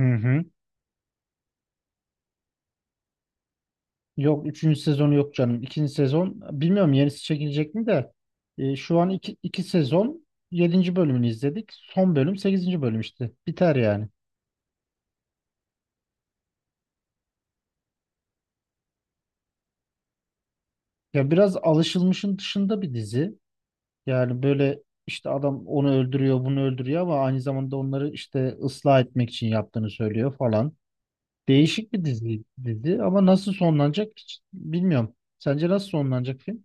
Hı hı. Yok, üçüncü sezonu yok canım. İkinci sezon bilmiyorum yenisi çekilecek mi de şu an iki sezon yedinci bölümünü izledik. Son bölüm sekizinci bölüm işte. Biter yani. Ya biraz alışılmışın dışında bir dizi. Yani böyle işte adam onu öldürüyor bunu öldürüyor ama aynı zamanda onları işte ıslah etmek için yaptığını söylüyor falan. Değişik bir dizi ama nasıl sonlanacak hiç bilmiyorum. Sence nasıl sonlanacak film?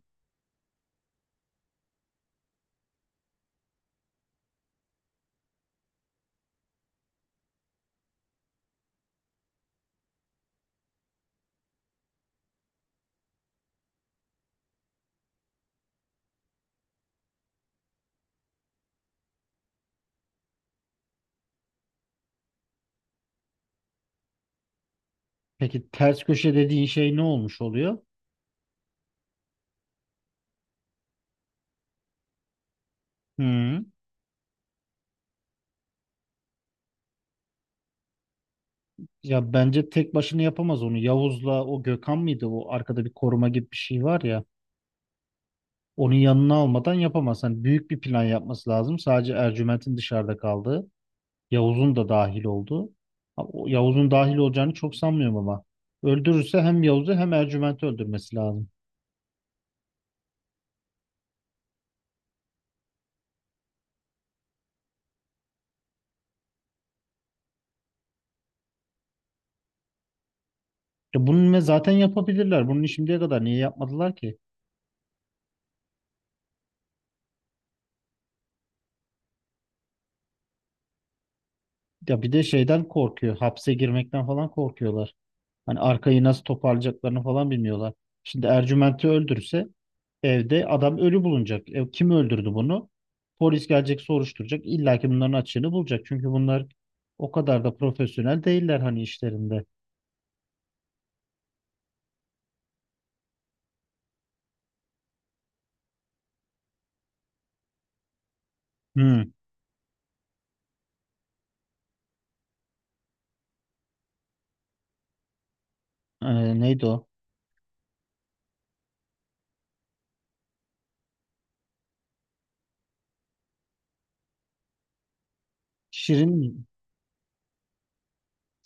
Peki ters köşe dediğin şey ne olmuş oluyor? Hı. Ya bence tek başına yapamaz onu. Yavuz'la o Gökhan mıydı? O arkada bir koruma gibi bir şey var ya. Onun yanına almadan yapamaz. Hani büyük bir plan yapması lazım. Sadece Ercüment'in dışarıda kaldığı, Yavuz'un da dahil olduğu. Ha, o Yavuz'un dahil olacağını çok sanmıyorum ama. Öldürürse hem Yavuz'u hem Ercüment'i öldürmesi lazım. Ya bunu ne zaten yapabilirler. Bunu şimdiye kadar niye yapmadılar ki? Ya bir de şeyden korkuyor. Hapse girmekten falan korkuyorlar. Hani arkayı nasıl toparlayacaklarını falan bilmiyorlar. Şimdi Ercüment'i öldürse evde adam ölü bulunacak. E, kim öldürdü bunu? Polis gelecek soruşturacak. İlla ki bunların açığını bulacak. Çünkü bunlar o kadar da profesyonel değiller hani işlerinde. Hmm. Neydi o? Şirin.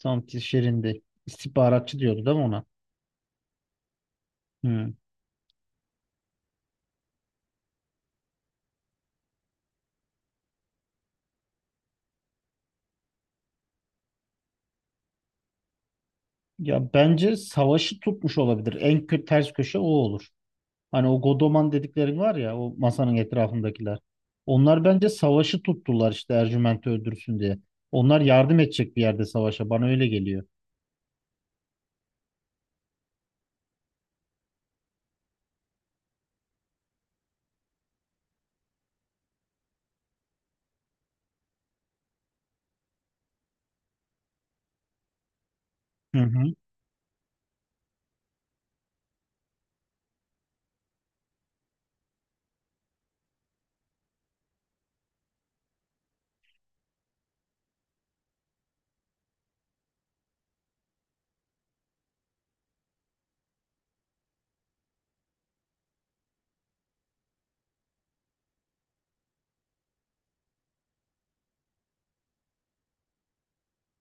Tam ki Şirin'di. İstihbaratçı diyordu değil mi ona? Hmm. Ya bence savaşı tutmuş olabilir. En kötü ters köşe o olur. Hani o Godoman dediklerin var ya, o masanın etrafındakiler. Onlar bence savaşı tuttular işte Ercüment'i öldürsün diye. Onlar yardım edecek bir yerde savaşa. Bana öyle geliyor. Hı hı.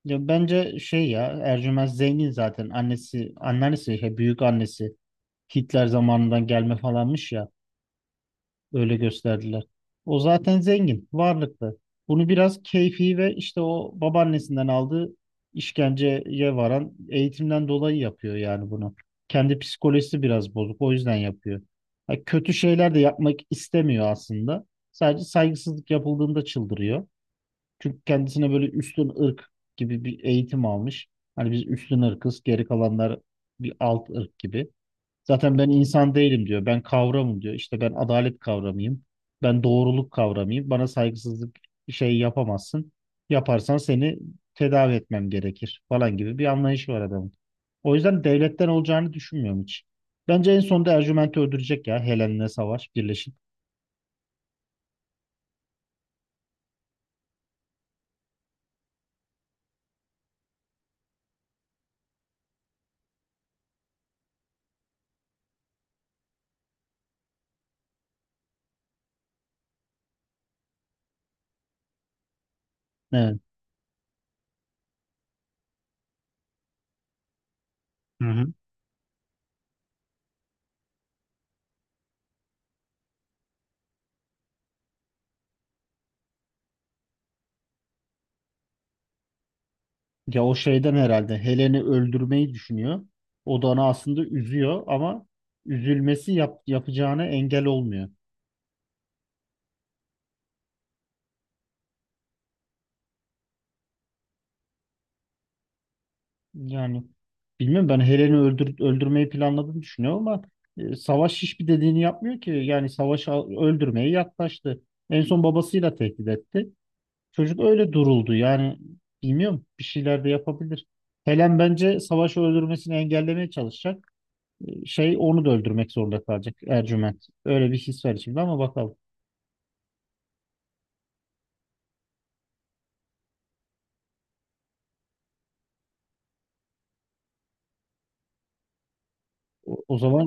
Ya bence şey, ya Ercüment Zengin zaten annesi anneannesi şey, büyük annesi Hitler zamanından gelme falanmış ya, öyle gösterdiler. O zaten zengin, varlıklı. Bunu biraz keyfi ve işte o babaannesinden aldığı işkenceye varan eğitimden dolayı yapıyor yani bunu. Kendi psikolojisi biraz bozuk, o yüzden yapıyor. Ha, kötü şeyler de yapmak istemiyor aslında. Sadece saygısızlık yapıldığında çıldırıyor. Çünkü kendisine böyle üstün ırk gibi bir eğitim almış. Hani biz üstün ırkız, geri kalanlar bir alt ırk gibi. Zaten ben insan değilim diyor. Ben kavramım diyor. İşte ben adalet kavramıyım. Ben doğruluk kavramıyım. Bana saygısızlık şey yapamazsın. Yaparsan seni tedavi etmem gerekir falan gibi bir anlayışı var adamın. O yüzden devletten olacağını düşünmüyorum hiç. Bence en sonunda Ercüment'i öldürecek ya, Helen'le savaş birleşip. Evet. Hı hı. Ya o şeyden herhalde Helen'i öldürmeyi düşünüyor. O da onu aslında üzüyor ama üzülmesi yapacağına engel olmuyor. Yani bilmiyorum, ben Helen'i öldürmeyi planladığını düşünüyorum ama Savaş hiçbir dediğini yapmıyor ki. Yani öldürmeye yaklaştı. En son babasıyla tehdit etti. Çocuk öyle duruldu. Yani bilmiyorum, bir şeyler de yapabilir. Helen bence Savaş'ı öldürmesini engellemeye çalışacak. Şey, onu da öldürmek zorunda kalacak Ercüment. Öyle bir his var içimde ama bakalım. O zaman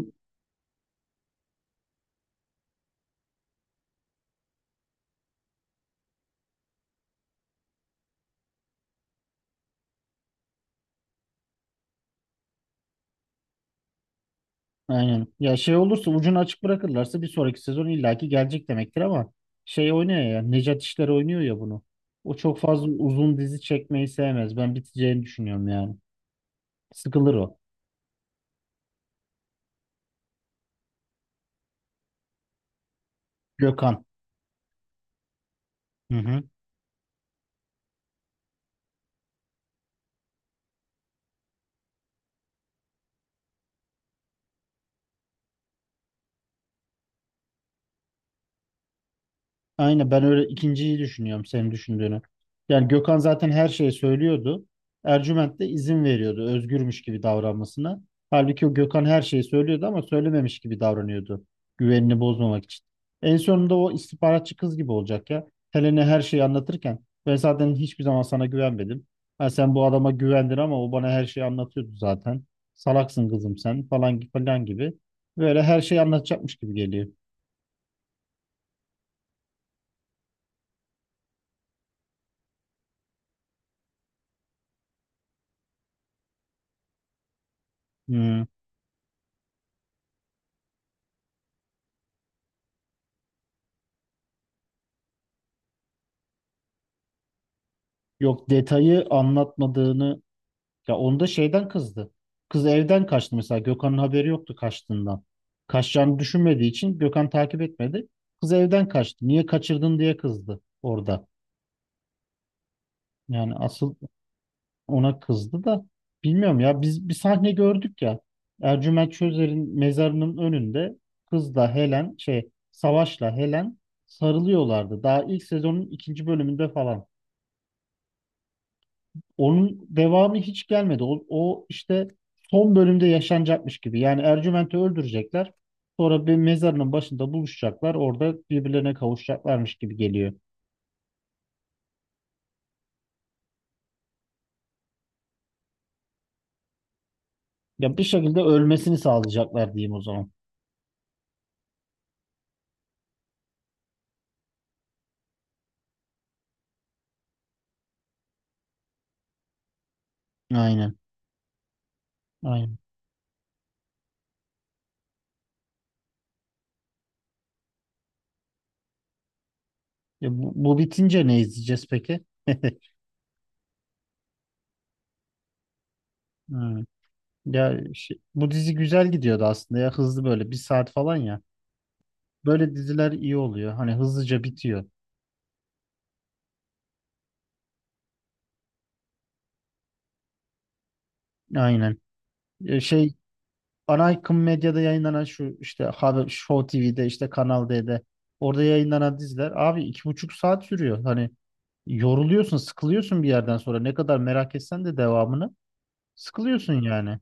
aynen. Ya şey olursa, ucunu açık bırakırlarsa bir sonraki sezon illaki gelecek demektir ama şey oynuyor ya, Necat İşler oynuyor ya bunu. O çok fazla uzun dizi çekmeyi sevmez. Ben biteceğini düşünüyorum yani. Sıkılır o. Gökhan. Hı hı. Aynen, ben öyle ikinciyi düşünüyorum, senin düşündüğünü. Yani Gökhan zaten her şeyi söylüyordu. Ercüment de izin veriyordu özgürmüş gibi davranmasına. Halbuki o Gökhan her şeyi söylüyordu ama söylememiş gibi davranıyordu. Güvenini bozmamak için. En sonunda o istihbaratçı kız gibi olacak ya. Helen'e her şeyi anlatırken ben zaten hiçbir zaman sana güvenmedim. Ha, sen bu adama güvendin ama o bana her şeyi anlatıyordu zaten. Salaksın kızım sen falan falan gibi. Böyle her şeyi anlatacakmış gibi geliyor. Hmm. Yok, detayı anlatmadığını, ya onda şeyden kızdı. Kız evden kaçtı mesela, Gökhan'ın haberi yoktu kaçtığından. Kaçacağını düşünmediği için Gökhan takip etmedi. Kız evden kaçtı. Niye kaçırdın diye kızdı orada. Yani asıl ona kızdı da bilmiyorum, ya biz bir sahne gördük ya. Ercüment Çözer'in mezarının önünde kızla Helen, şey, Savaş'la Helen sarılıyorlardı. Daha ilk sezonun ikinci bölümünde falan. Onun devamı hiç gelmedi. O işte son bölümde yaşanacakmış gibi. Yani Ercüment'i öldürecekler. Sonra bir mezarının başında buluşacaklar. Orada birbirlerine kavuşacaklarmış gibi geliyor. Ya bir şekilde ölmesini sağlayacaklar diyeyim o zaman. Aynen. Aynen. Ya bu bitince ne izleyeceğiz peki? Hmm. Bu dizi güzel gidiyordu aslında ya, hızlı, böyle bir saat falan ya. Böyle diziler iyi oluyor. Hani hızlıca bitiyor. Aynen. E, Şey Ana akım medyada yayınlanan şu işte haber, Show TV'de işte Kanal D'de, orada yayınlanan diziler abi 2,5 saat sürüyor. Hani yoruluyorsun, sıkılıyorsun bir yerden sonra. Ne kadar merak etsen de devamını sıkılıyorsun yani.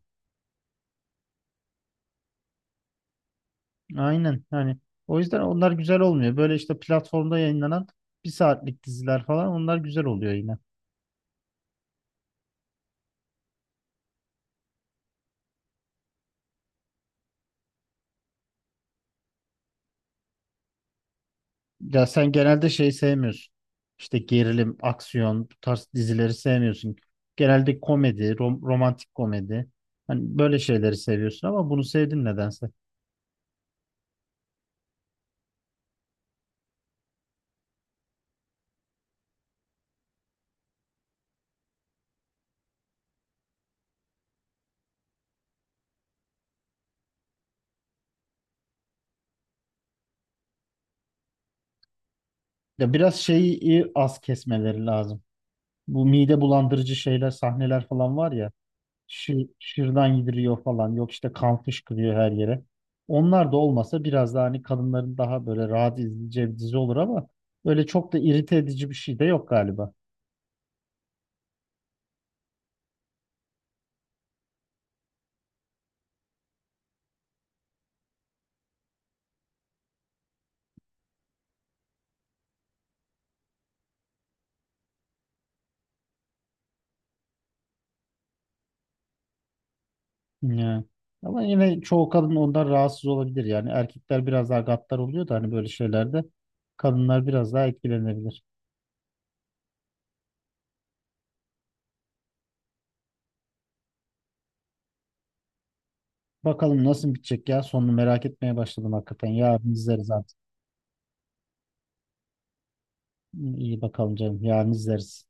Aynen. Yani o yüzden onlar güzel olmuyor. Böyle işte platformda yayınlanan bir saatlik diziler falan, onlar güzel oluyor yine. Ya sen genelde şey sevmiyorsun. İşte gerilim, aksiyon, bu tarz dizileri sevmiyorsun. Genelde komedi, romantik komedi. Hani böyle şeyleri seviyorsun ama bunu sevdin nedense. Ya biraz şeyi az kesmeleri lazım. Bu mide bulandırıcı şeyler, sahneler falan var ya. Şırdan yediriyor falan. Yok, işte kan fışkırıyor her yere. Onlar da olmasa biraz daha hani kadınların daha böyle rahat izleyeceği bir dizi olur ama böyle çok da irite edici bir şey de yok galiba. Ya. Ama yine çoğu kadın ondan rahatsız olabilir yani. Erkekler biraz daha gaddar oluyor da hani böyle şeylerde kadınlar biraz daha etkilenebilir. Bakalım nasıl bitecek ya. Sonunu merak etmeye başladım hakikaten. Yarın izleriz artık. İyi bakalım canım. Yarın izleriz.